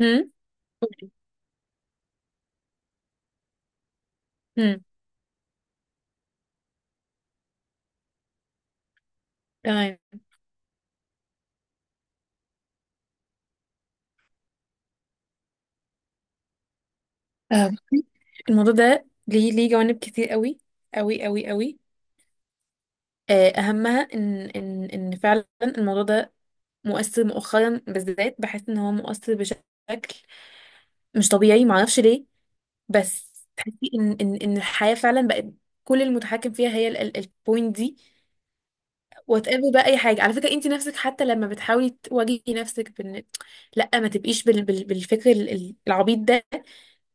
هم. هم. تمام. آه، بصي، الموضوع ده ليه جوانب كتير قوي قوي قوي قوي. آه، اهمها ان فعلا الموضوع ده مؤثر مؤخرا بالذات، بحس ان هو مؤثر بشكل مش طبيعي، معرفش ليه. بس تحسي ان الحياة فعلا بقت كل المتحكم فيها هي البوينت دي. وات ايفر بقى، اي حاجه، على فكره انت نفسك حتى لما بتحاولي تواجهي نفسك بان لا ما تبقيش بالفكر العبيط ده،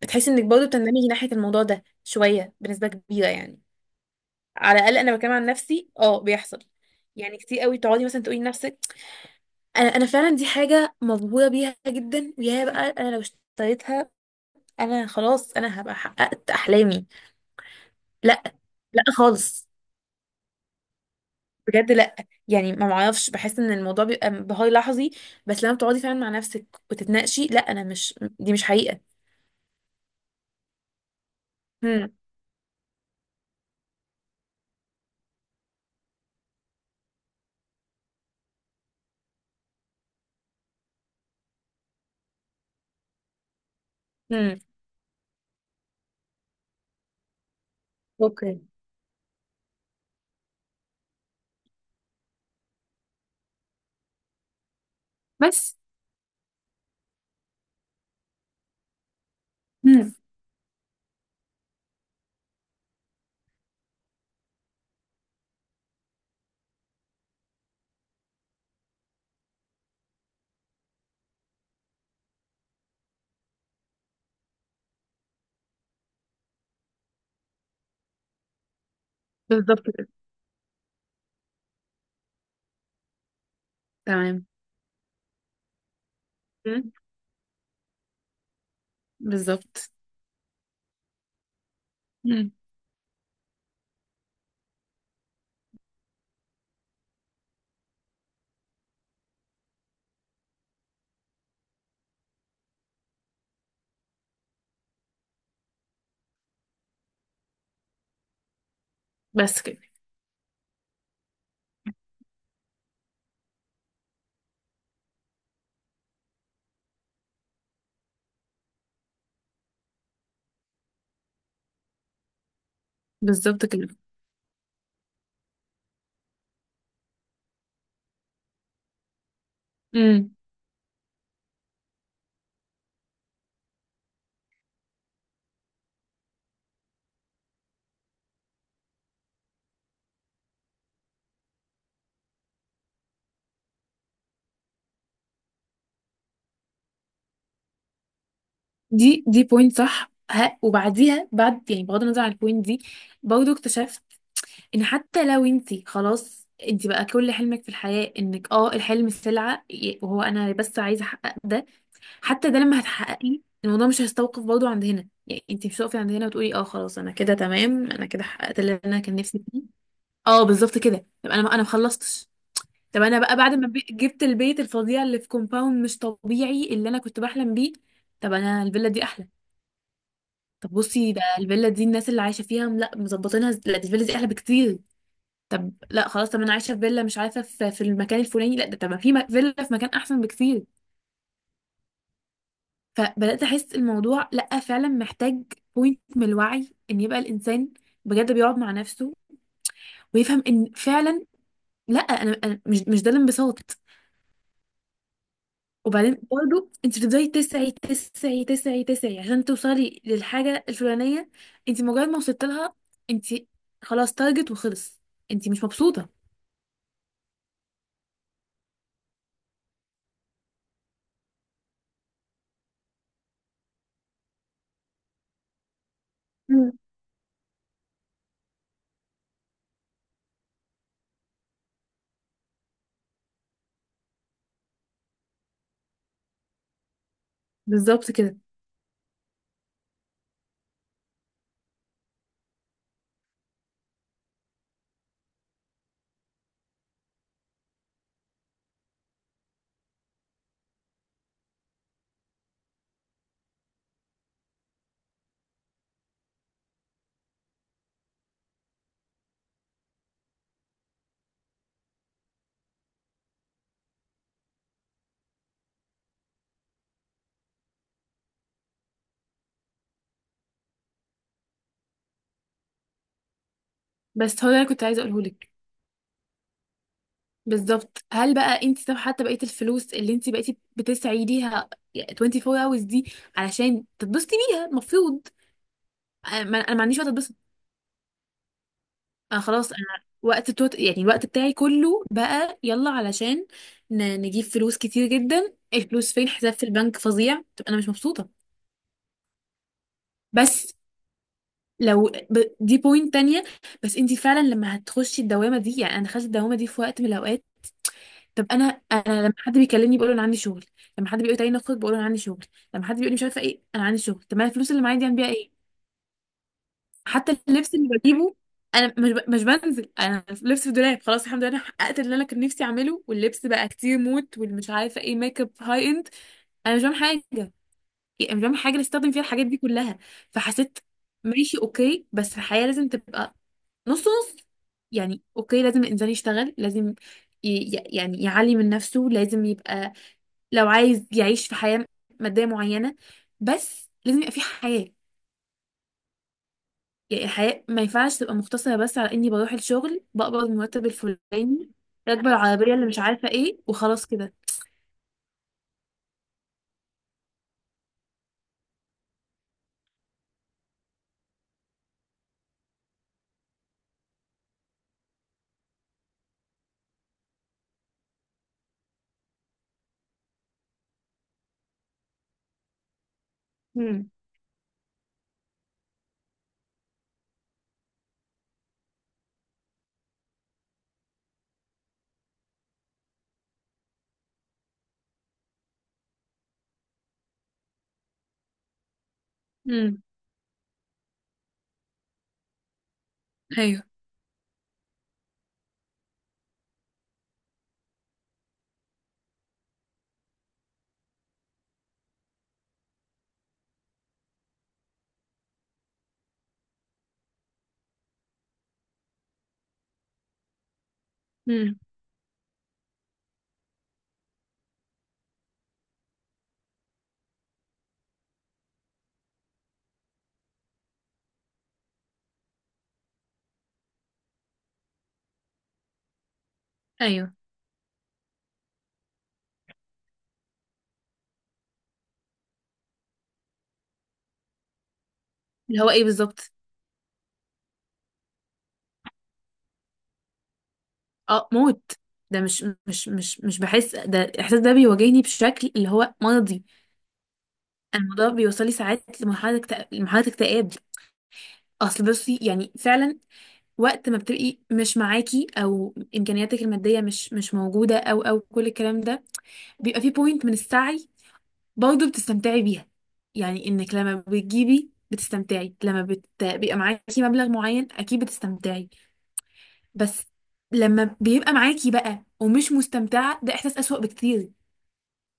بتحسي انك برضه بتندمجي ناحية الموضوع ده شوية بنسبة كبيرة يعني. على الأقل أنا بتكلم عن نفسي، اه بيحصل. يعني كتير قوي تقعدي مثلا تقولي لنفسك أنا فعلا دي حاجة مبهورة بيها جدا، ويا بقى أنا لو اشتريتها أنا خلاص، أنا هبقى حققت أحلامي. لا، لا خالص، بجد لا. يعني ما معرفش، بحس ان الموضوع بيبقى انبهار لحظي، بس لما بتقعدي فعلا مع نفسك وتتناقشي، لا، انا مش، دي مش حقيقة. هم. هم. اوكي بس. مم. بالظبط كده. تمام. بالظبط. مم. بس كده. بالظبط كده. مم. دي بوينت صح ها، وبعديها بعد يعني بغض النظر عن البوينت دي، برضه اكتشفت ان حتى لو انت خلاص انت بقى كل حلمك في الحياة انك، اه الحلم سلعة، وهو انا بس عايزة احقق ده، حتى ده لما هتحققي الموضوع مش هيستوقف برضه عند هنا. يعني انت مش هتقفي عند هنا وتقولي اه خلاص انا كده تمام، انا كده حققت اللي انا كان نفسي فيه. اه بالظبط كده، يبقى انا ما خلصتش. طب انا بقى بعد ما جبت البيت الفظيع اللي في كومباوند مش طبيعي اللي انا كنت بحلم بيه، طب انا الفيلا دي احلى. طب بصي، ده الفيلا دي الناس اللي عايشه فيها لا مظبطينها، لا دي الفيلا دي احلى بكتير. طب لا خلاص، طب انا عايشه في فيلا مش عارفه في المكان الفلاني، لا ده طب ما في فيلا في مكان احسن بكتير. فبدات احس الموضوع لا فعلا محتاج بوينت من الوعي ان يبقى الانسان بجد بيقعد مع نفسه ويفهم ان فعلا لا انا، أنا مش ده الانبساط. وبعدين برضه انت بتفضلي تسعي تسعي تسعي تسعي عشان توصلي للحاجة الفلانية، انت مجرد ما وصلت لها، انت خلاص تارجت وخلص، انت مش مبسوطة. مم. بالظبط كده. بس هو ده اللي كنت عايزة اقوله لك. بالظبط، هل بقى انت طب حتى بقية الفلوس اللي انت بقيتي بتسعي ليها 24 hours دي علشان تتبسطي بيها المفروض؟ انا ما عنديش وقت اتبسط. انا خلاص انا وقت يعني الوقت بتاعي كله بقى يلا علشان نجيب فلوس كتير جدا، الفلوس فين، الحساب في البنك فظيع، طب انا مش مبسوطة. بس لو دي بوينت تانية. بس انتي فعلا لما هتخشي الدوامة دي، يعني انا دخلت الدوامة دي في وقت من الاوقات. طب انا لما حد بيكلمني بقول له انا عندي شغل، لما حد بيقول لي تعالي نخرج بقول له انا عندي شغل، لما حد بيقول لي مش عارفه ايه انا عندي شغل، طب ما الفلوس اللي معايا دي اعمل بيها ايه؟ حتى اللبس اللي بجيبه، انا مش بنزل، انا لبس في الدولاب خلاص، الحمد لله انا حققت اللي انا كان نفسي اعمله، واللبس بقى كتير موت والمش عارفه ايه ميك اب هاي اند، انا مش بعمل حاجه، يعني مش بعمل حاجه اللي استخدم فيها الحاجات دي كلها. فحسيت ماشي اوكي بس الحياه لازم تبقى نص نص. يعني اوكي لازم الانسان يشتغل، لازم يعني يعلي من نفسه، لازم يبقى لو عايز يعيش في حياه ماديه معينه، بس لازم يبقى في حياه. يعني الحياة ما ينفعش تبقى مقتصرة بس على إني بروح الشغل بقبض المرتب الفلاني، راكبة العربية اللي مش عارفة إيه، وخلاص كده. امم. امم. أيوه. امم. أيوه. اللي هو إيه بالظبط؟ أه موت، ده مش بحس، ده الإحساس ده بيواجهني بشكل اللي هو مرضي. أنا الموضوع بيوصلي ساعات لمرحلة اكتئاب، لمرحلة اكتئاب. أصل بصي يعني فعلا، وقت ما بتبقي مش معاكي او امكانياتك الماديه مش موجوده او كل الكلام ده، بيبقى في بوينت من السعي برضه بتستمتعي بيها. يعني انك لما بتجيبي بتستمتعي، لما بيبقى معاكي مبلغ معين اكيد بتستمتعي. بس لما بيبقى معاكي بقى ومش مستمتعة، ده احساس اسوأ بكتير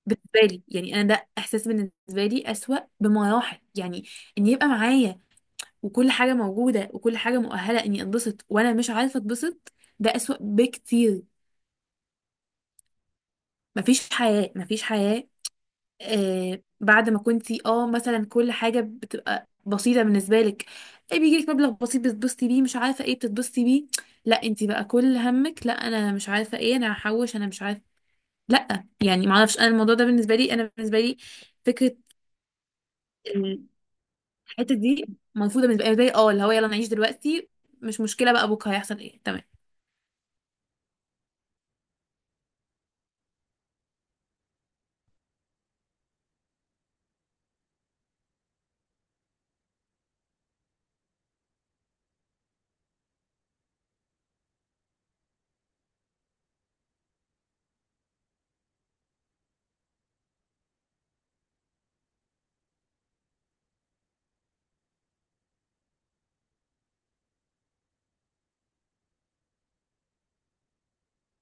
بالنسبة لي. يعني انا ده احساس بالنسبة لي اسوأ بمراحل، يعني ان يبقى معايا وكل حاجة موجودة وكل حاجة مؤهلة اني اتبسط وانا مش عارفة اتبسط، ده اسوأ بكتير. مفيش حياة، مفيش حياة. آه بعد ما كنتي اه مثلا كل حاجة بتبقى بسيطة بالنسبة لك، ايه بيجيلك مبلغ بسيط بتتبسطي بيه، مش عارفة ايه بتتبسطي بيه، لا انتي بقى كل همك لا انا مش عارفة ايه انا هحوش انا مش عارفة. لا يعني معرفش، انا الموضوع ده بالنسبة لي، انا بالنسبة لي فكرة الحتة دي مرفوضة بالنسبة لي، اه اللي هو يلا نعيش دلوقتي، مش مشكلة بقى بكرة هيحصل ايه، تمام.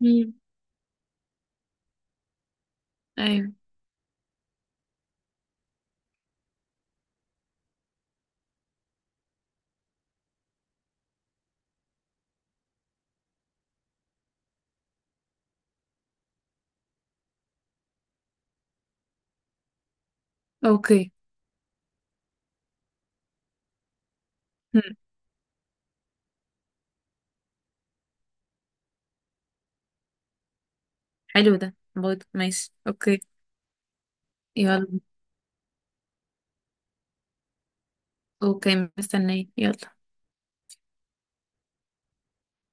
مم. ايوه. اوكي. هم. حلو ده برضه، ماشي اوكي. يلا. اوكي مستنية، يلا.